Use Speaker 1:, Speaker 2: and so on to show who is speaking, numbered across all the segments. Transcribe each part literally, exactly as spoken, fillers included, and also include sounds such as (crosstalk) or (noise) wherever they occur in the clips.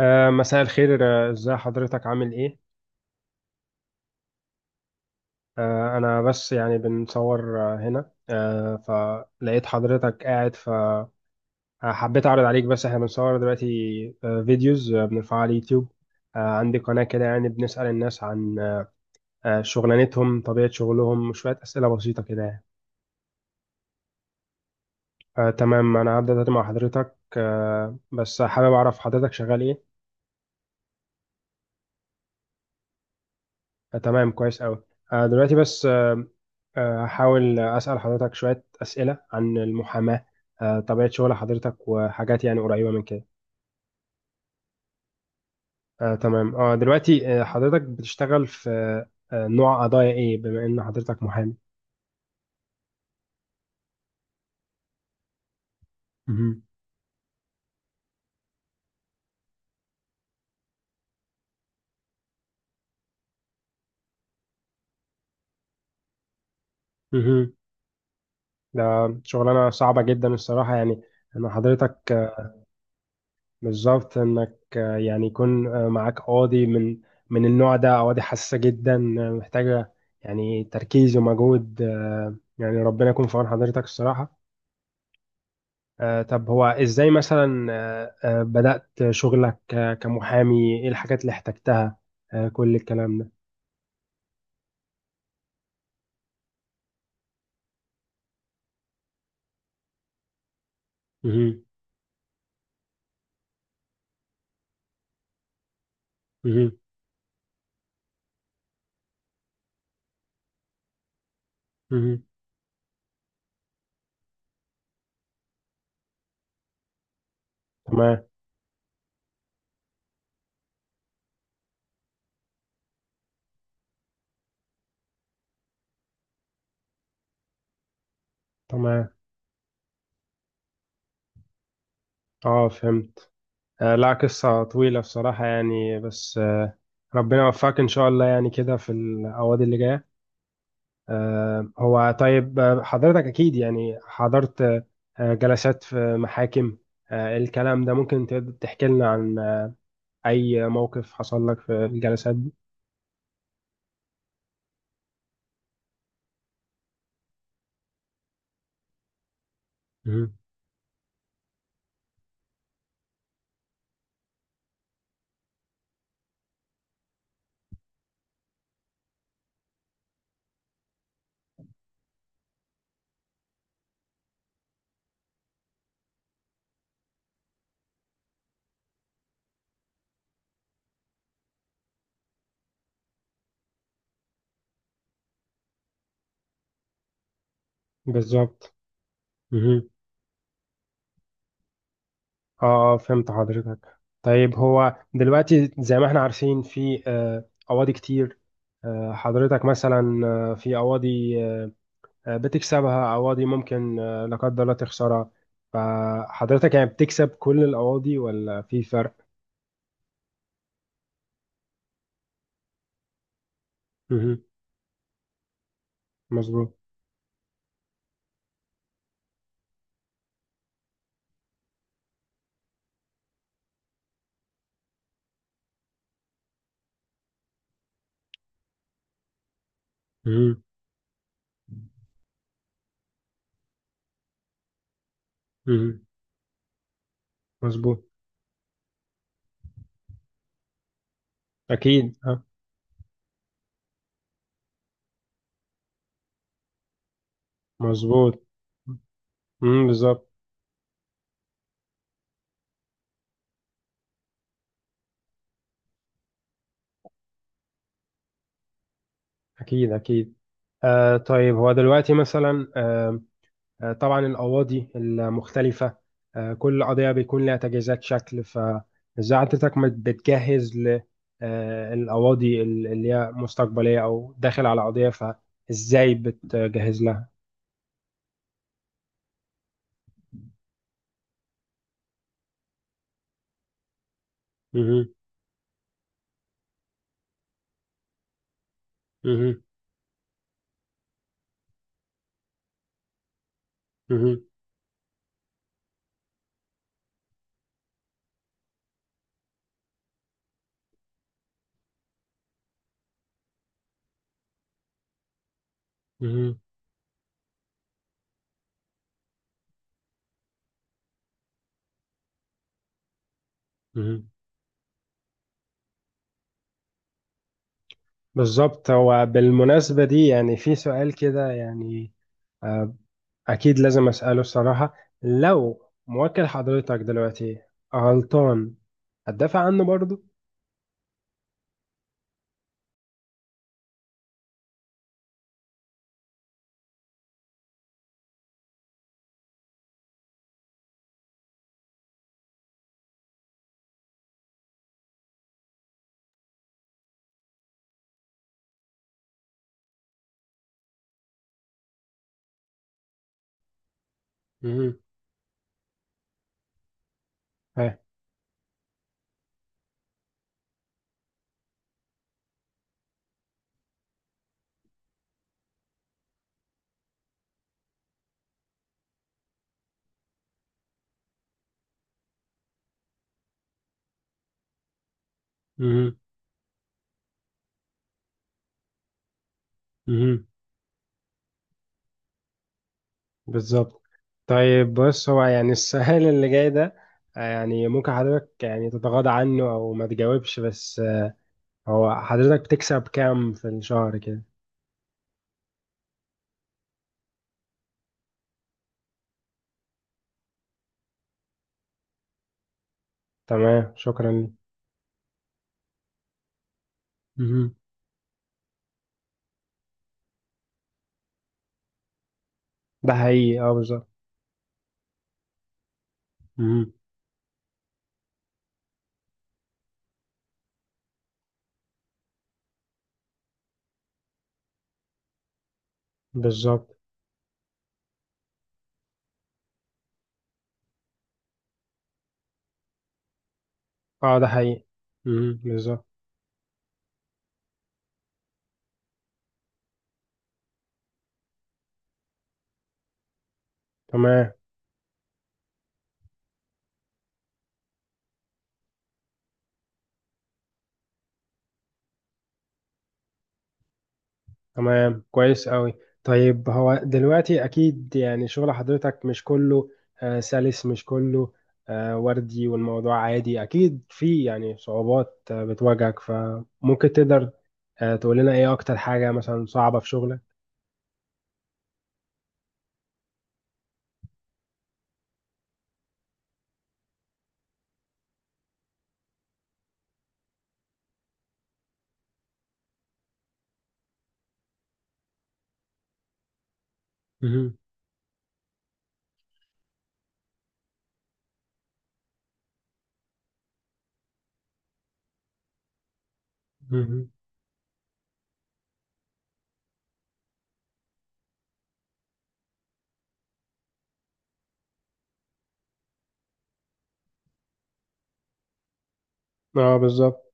Speaker 1: آه، مساء الخير. آه، ازاي حضرتك، عامل ايه؟ آه، انا بس يعني بنصور آه، هنا، آه، فلقيت حضرتك قاعد، فحبيت اعرض عليك، بس احنا بنصور دلوقتي آه، فيديوز آه، بنرفعها على اليوتيوب. آه، عندي قناة كده، يعني بنسأل الناس عن آه، آه، شغلانتهم، طبيعة شغلهم، شوية أسئلة بسيطة كده يعني. آه، تمام، انا هبدأ دلوقتي مع حضرتك، آه، بس حابب اعرف حضرتك شغال ايه. آه، تمام، كويس أوي. آه، دلوقتي بس آه، آه، هحاول أسأل حضرتك شوية أسئلة عن المحاماة، آه، طبيعة شغل حضرتك وحاجات يعني قريبة من كده. آه، تمام. اه دلوقتي آه، حضرتك بتشتغل في آه، نوع قضايا إيه، بما إن حضرتك محامي؟ مهم. مهم. ده شغلانة صعبة جدا الصراحة، يعني إن حضرتك بالظبط، انك آه، يعني يكون آه، معاك قاضي من من النوع ده، قواضي حساسة جدا آه، محتاجة يعني تركيز ومجهود، آه، يعني ربنا يكون في عون حضرتك الصراحة. آه، طب هو ازاي مثلا آه، آه، بدأت شغلك آه، كمحامي؟ ايه الحاجات اللي احتجتها آه، كل الكلام ده؟ مهم. مهم. مهم. تمام. تمام. اه، فهمت. آه، لا، قصة طويلة بصراحة يعني، بس آه، ربنا يوفقك ان شاء الله، يعني كده في القواضي اللي جاية. آه، هو طيب، آه، حضرتك أكيد يعني حضرت آه، جلسات في محاكم آه، الكلام ده، ممكن تقدر تحكي لنا عن آه، أي موقف حصل لك في الجلسات دي؟ مهم. بالظبط. مهم. اه، آه، فهمت حضرتك. طيب، هو دلوقتي زي ما احنا عارفين في آه، قواضي كتير، آه، حضرتك مثلا آه، في قواضي آه، بتكسبها، قواضي ممكن آه، لا قدر الله تخسرها، فحضرتك يعني بتكسب كل القواضي، ولا في فرق؟ مهم. مظبوط. مم. مم. مظبوط. أكيد، ها. مظبوط. مم. بالظبط. أكيد، أكيد. آه طيب، هو دلوقتي مثلا آه آه، طبعا القواضي المختلفة، آه كل قضية بيكون لها تجهيزات شكل، فإزاي حضرتك مت- بتجهز ل آه القواضي ال- اللي هي مستقبلية، أو داخل على قضية، فإزاي بتجهز لها؟ مم. مم. مم. مم. مم. بالظبط. هو بالمناسبة دي يعني في سؤال كده، يعني أكيد لازم أسأله الصراحة. لو موكل حضرتك دلوقتي غلطان، هتدافع عنه برضه؟ مهم. ها. مهم. مهم. بالظبط. طيب بص، هو يعني السؤال (laughs) اللي جاي ده آه، يعني ممكن حضرتك يعني تتغاضى عنه أو ما تجاوبش، بس آه، هو حضرتك بتكسب كام في الشهر كده؟ تمام، شكرا لي. مهم. ده حقيقي، اه، بالظبط. مهم. بالظبط. اه، ده حقيقي. مهم. بالظبط. تمام. تمام، كويس قوي. طيب هو دلوقتي اكيد يعني شغل حضرتك مش كله آه، سلس، مش كله آه، وردي، والموضوع عادي، اكيد في يعني صعوبات آه، بتواجهك، فممكن تقدر آه، تقول لنا ايه اكتر حاجة مثلا صعبة في شغلك؟ مهم. مهم. اه، بالظبط.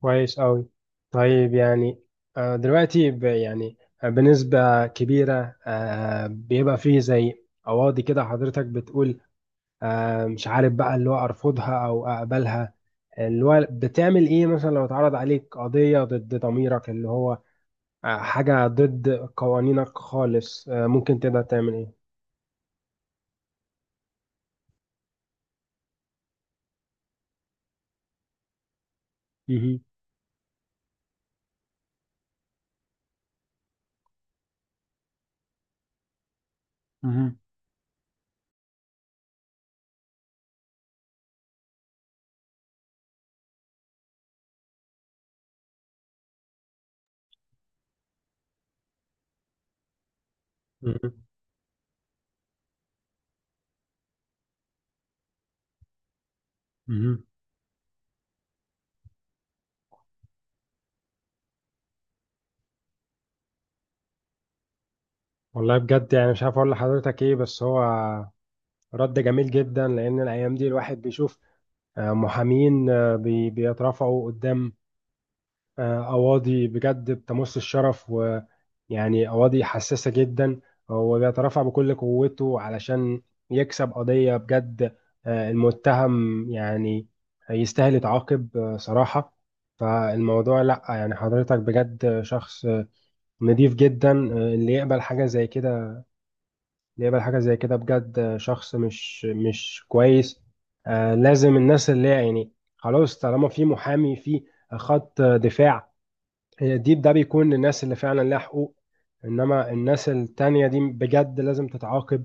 Speaker 1: كويس قوي. طيب يعني آه، دلوقتي ب- يعني آه، بنسبة كبيرة آه، بيبقى فيه زي قواضي كده حضرتك بتقول آه، مش عارف بقى، اللي هو ارفضها او اقبلها. اللي هو بتعمل ايه مثلا لو اتعرض عليك قضية ضد ضميرك، اللي هو آه، حاجة ضد قوانينك خالص؟ آه، ممكن تقدر تعمل ايه؟ مهم. مهم. مهم. مهم. والله بجد يعني مش عارف اقول لحضرتك ايه، بس هو رد جميل جدا، لان الايام دي الواحد بيشوف آه، محامين آه، بي- بيترفعوا قدام آه، أواضي بجد بتمس الشرف، ويعني أواضي حساسة جدا، هو بيترفع بكل قوته علشان يكسب قضية بجد، آه، المتهم يعني يستاهل يتعاقب آه، صراحة. فالموضوع لأ، يعني حضرتك بجد شخص آه، نضيف جدا آه، اللي يقبل حاجة زي كده. اللي يقبل حاجة زي كده بجد آه، شخص مش مش كويس. آه، لازم الناس اللي هي يعني خلاص، طالما في محامي، في خط دفاع، هي الديب ده بيكون للناس اللي فعلا لها حقوق. انما الناس التانية دي بجد لازم تتعاقب.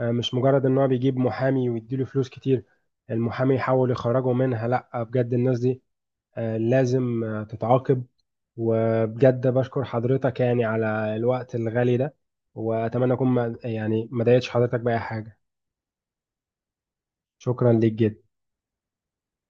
Speaker 1: آه، مش مجرد ان هو بيجيب محامي ويديله فلوس كتير، المحامي يحاول يخرجه منها، لا بجد الناس دي آه، لازم آه، تتعاقب. وبجد بشكر حضرتك يعني على الوقت الغالي ده، واتمنى اكون ما يعني، ما ضايقتش حضرتك بأي حاجة. شكرا ليك جدا.